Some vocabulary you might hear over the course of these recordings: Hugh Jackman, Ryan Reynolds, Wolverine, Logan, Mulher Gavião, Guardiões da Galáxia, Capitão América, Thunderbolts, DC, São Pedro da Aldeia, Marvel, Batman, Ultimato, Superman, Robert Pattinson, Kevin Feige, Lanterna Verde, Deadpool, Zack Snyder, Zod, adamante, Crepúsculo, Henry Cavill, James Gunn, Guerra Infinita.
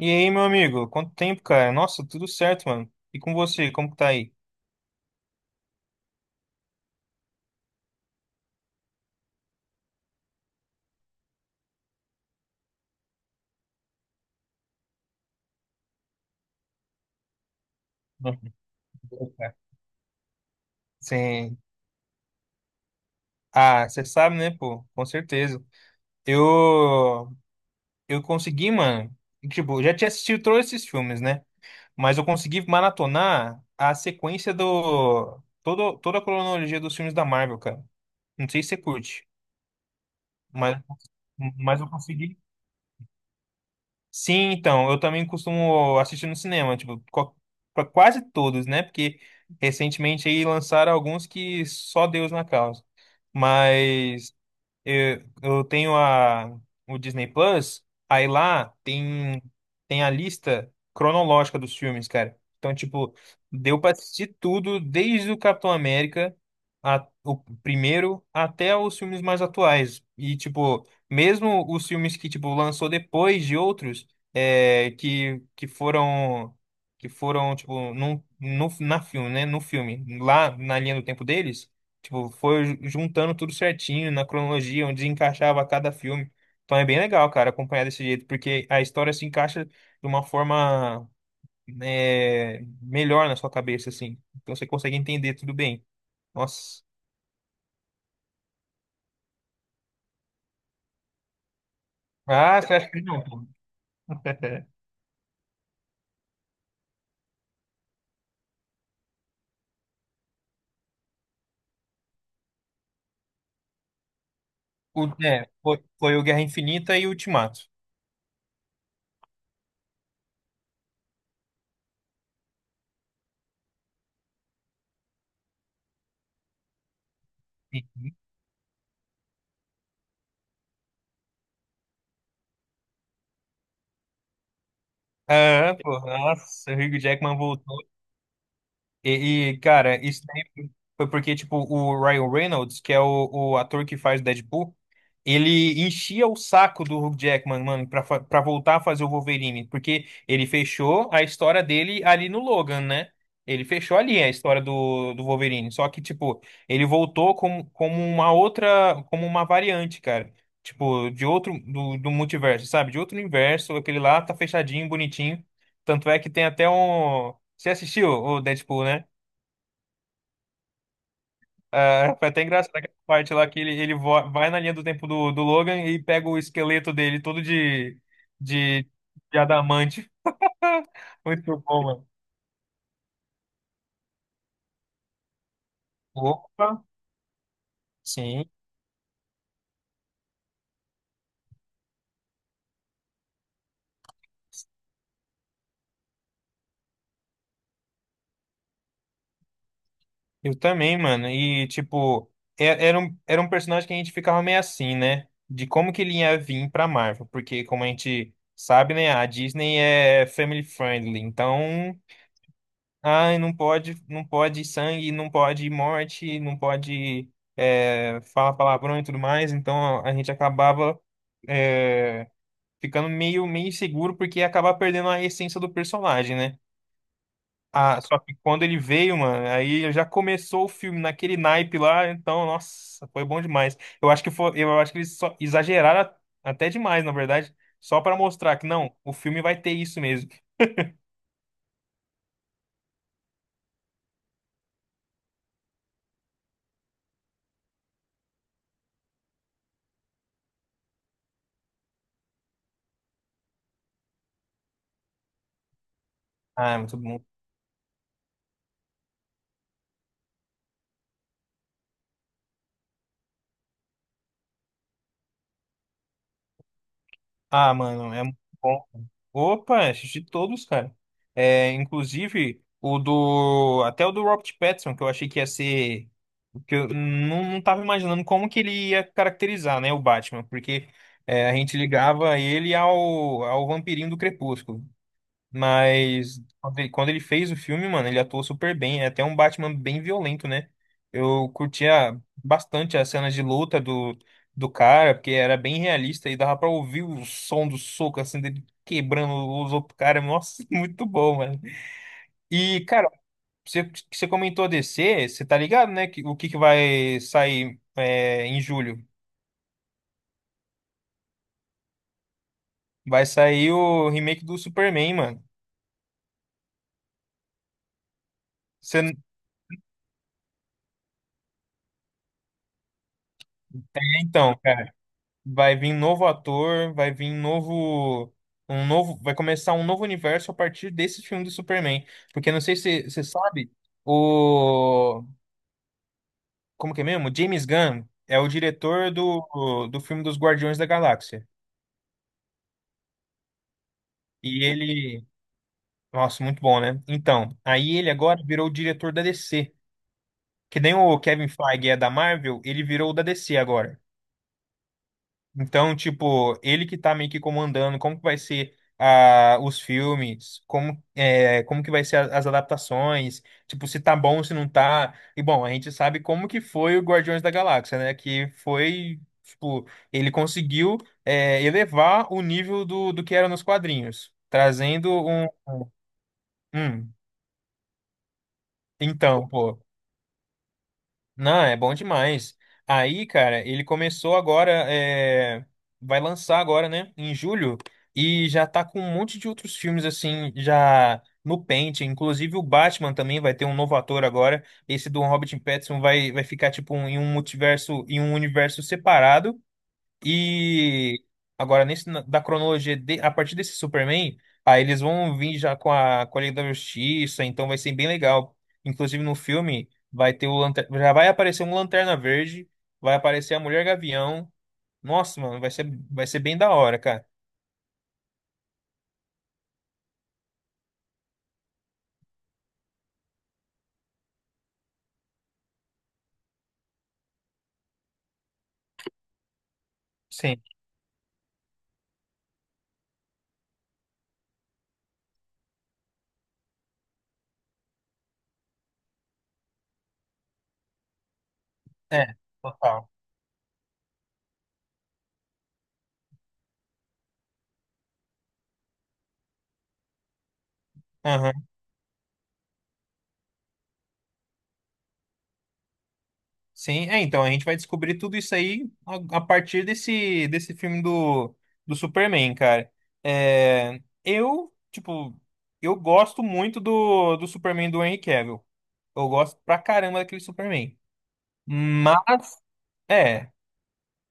E aí, meu amigo? Quanto tempo, cara? Nossa, tudo certo, mano. E com você, como que tá aí? Bom. Sim. Ah, você sabe, né, pô? Com certeza. Eu eu consegui, mano. Tipo, eu já tinha assistido todos esses filmes, né? Mas eu consegui maratonar a sequência do todo toda a cronologia dos filmes da Marvel, cara. Não sei se você curte, mas mas eu consegui. Sim, então, eu também costumo assistir no cinema, tipo, pra quase todos, né? Porque recentemente aí lançaram alguns que só Deus na causa. Mas eu tenho o Disney Plus, aí lá tem a lista cronológica dos filmes, cara. Então, tipo, deu pra assistir tudo, desde o Capitão América, o primeiro, até os filmes mais atuais. E, tipo, mesmo os filmes que, tipo, lançou depois de outros, é, que, que foram, que foram, tipo, num, no, na filme, né? No filme, lá na linha do tempo deles. Tipo, foi juntando tudo certinho na cronologia, onde encaixava cada filme. Então é bem legal, cara, acompanhar desse jeito, porque a história se encaixa de uma forma melhor na sua cabeça, assim. Então você consegue entender tudo bem. Nossa. Ah, você acha que não, pô? O, foi o Guerra Infinita e o Ultimato. Uhum. Ah, pô, nossa, o Hugh Jackman voltou. Cara, isso daí foi porque, tipo, o Ryan Reynolds, que é o ator que faz o Deadpool, ele enchia o saco do Hugh Jackman, mano, pra, pra voltar a fazer o Wolverine, porque ele fechou a história dele ali no Logan, né? Ele fechou ali a história do Wolverine, só que, tipo, ele voltou como, como uma outra, como uma variante, cara. Tipo, de outro, do multiverso, sabe? De outro universo, aquele lá tá fechadinho, bonitinho. Tanto é que tem até um. Você assistiu o Deadpool, né? Ah, foi até engraçado aquela parte lá que ele vai na linha do tempo do Logan e pega o esqueleto dele todo de, de adamante. Muito bom, mano. Opa, sim. Eu também, mano. E, tipo, era um personagem que a gente ficava meio assim, né? De como que ele ia vir pra Marvel. Porque, como a gente sabe, né? A Disney é family friendly. Então, ai, não pode, não pode sangue, não pode morte, não pode falar palavrão e tudo mais. Então a gente acabava é, ficando meio inseguro porque ia acabar perdendo a essência do personagem, né? Ah, só que quando ele veio, mano, aí já começou o filme naquele naipe lá, então, nossa, foi bom demais. Eu acho que eles só exageraram até demais, na verdade, só pra mostrar que não, o filme vai ter isso mesmo. Ah, é muito bom. Ah, mano, é muito bom. Opa, assisti todos, cara. É, inclusive o do até o do Robert Pattinson, que eu não, não tava imaginando como que ele ia caracterizar, né, o Batman, porque a gente ligava ele ao vampirinho do Crepúsculo. Mas quando ele fez o filme, mano, ele atuou super bem. É até um Batman bem violento, né? Eu curtia bastante as cenas de luta do cara, porque era bem realista e dava pra ouvir o som do soco, assim, dele quebrando os outros caras. Nossa, muito bom, mano. E, cara, você comentou DC, você tá ligado, né? O que, que vai sair em julho? Vai sair o remake do Superman, mano. Você, então, Vai vir novo ator, vai vir novo, um novo, vai começar um novo universo a partir desse filme do Superman. Porque não sei se você sabe, o, como que é mesmo? James Gunn é o diretor do filme dos Guardiões da Galáxia. E ele, nossa, muito bom, né? Então, aí ele agora virou o diretor da DC. Que nem o Kevin Feige é da Marvel, ele virou o da DC agora. Então, tipo, ele que tá meio que comandando, como que vai ser os filmes, como que vai ser as adaptações, tipo, se tá bom, se não tá. E bom, a gente sabe como que foi o Guardiões da Galáxia, né? Que foi, tipo, ele conseguiu elevar o nível do que era nos quadrinhos, trazendo um. Hum, então, pô, não, é bom demais. Aí, cara, ele começou agora, vai lançar agora, né, em julho, e já tá com um monte de outros filmes, assim, já no pente. Inclusive o Batman também vai ter um novo ator agora. Esse do Robert Pattinson vai ficar, tipo, em um multiverso, em um universo separado. E agora, da cronologia, a partir desse Superman, aí eles vão vir já com com a Liga da Justiça, então vai ser bem legal. Inclusive no filme, vai ter o já vai aparecer um Lanterna Verde, vai aparecer a Mulher Gavião. Nossa, mano, vai ser bem da hora, cara. Sim, é, total. Sim, é, então a gente vai descobrir tudo isso aí a partir desse filme do Superman, cara. É, eu, tipo, eu gosto muito do Superman do Henry Cavill. Eu gosto pra caramba daquele Superman. Mas é,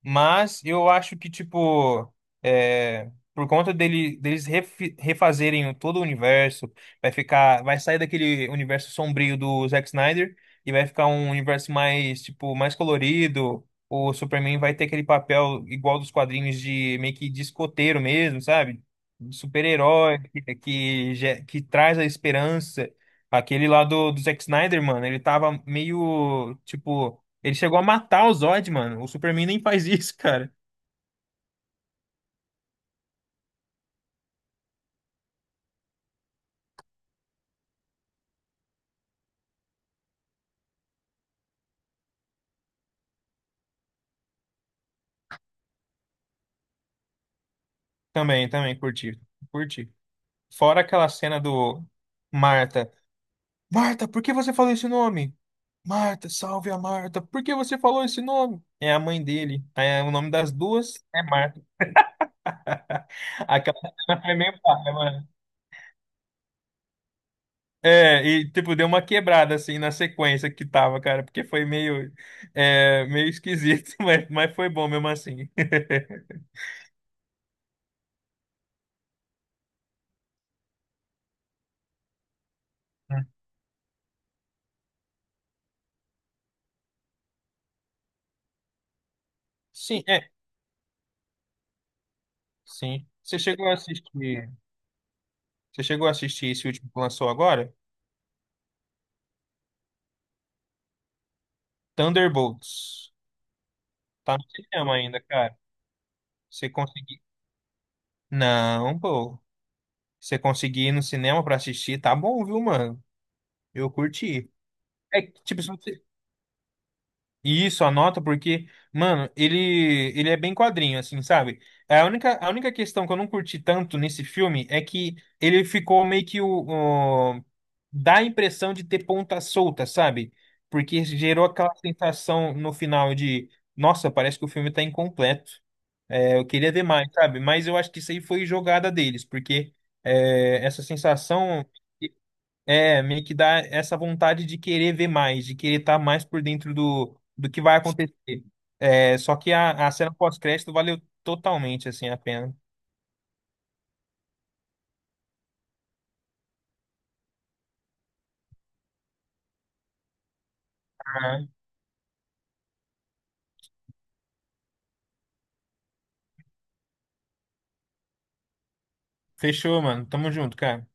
mas eu acho que, tipo, é, por conta dele, deles refazerem todo o universo, vai sair daquele universo sombrio do Zack Snyder e vai ficar um universo mais, tipo, mais colorido. O Superman vai ter aquele papel igual dos quadrinhos de meio que de escoteiro mesmo, sabe? De Super-herói que, que traz a esperança. Aquele lá do Zack Snyder, mano, ele tava meio, tipo, ele chegou a matar o Zod, mano. O Superman nem faz isso, cara. Também, também, curti. Curti. Fora aquela cena do Marta. Marta, por que você falou esse nome? Marta, salve a Marta. Por que você falou esse nome? É a mãe dele. É, o nome das duas é Marta. Aquela cena foi meio paia, mano. É, e tipo, deu uma quebrada assim na sequência que tava, cara, porque foi meio, meio esquisito, mas foi bom mesmo assim. Sim, é, sim. Você chegou a assistir esse último que lançou agora? Thunderbolts. Tá no cinema ainda, cara. Você conseguir. Não, pô. Você conseguir ir no cinema pra assistir, tá bom, viu, mano? Eu curti. É que, tipo, se você Isso, anota, porque, mano, ele é bem quadrinho, assim, sabe? É, a única questão que eu não curti tanto nesse filme é que ele ficou meio que dá a impressão de ter ponta solta, sabe? Porque gerou aquela sensação no final de, nossa, parece que o filme tá incompleto. É, eu queria ver mais, sabe? Mas eu acho que isso aí foi jogada deles, porque é, essa sensação. É, meio que dá essa vontade de querer ver mais, de querer estar mais por dentro do que vai acontecer. É, só que a cena pós-crédito valeu totalmente, assim, a pena. Ah, fechou, mano. Tamo junto, cara.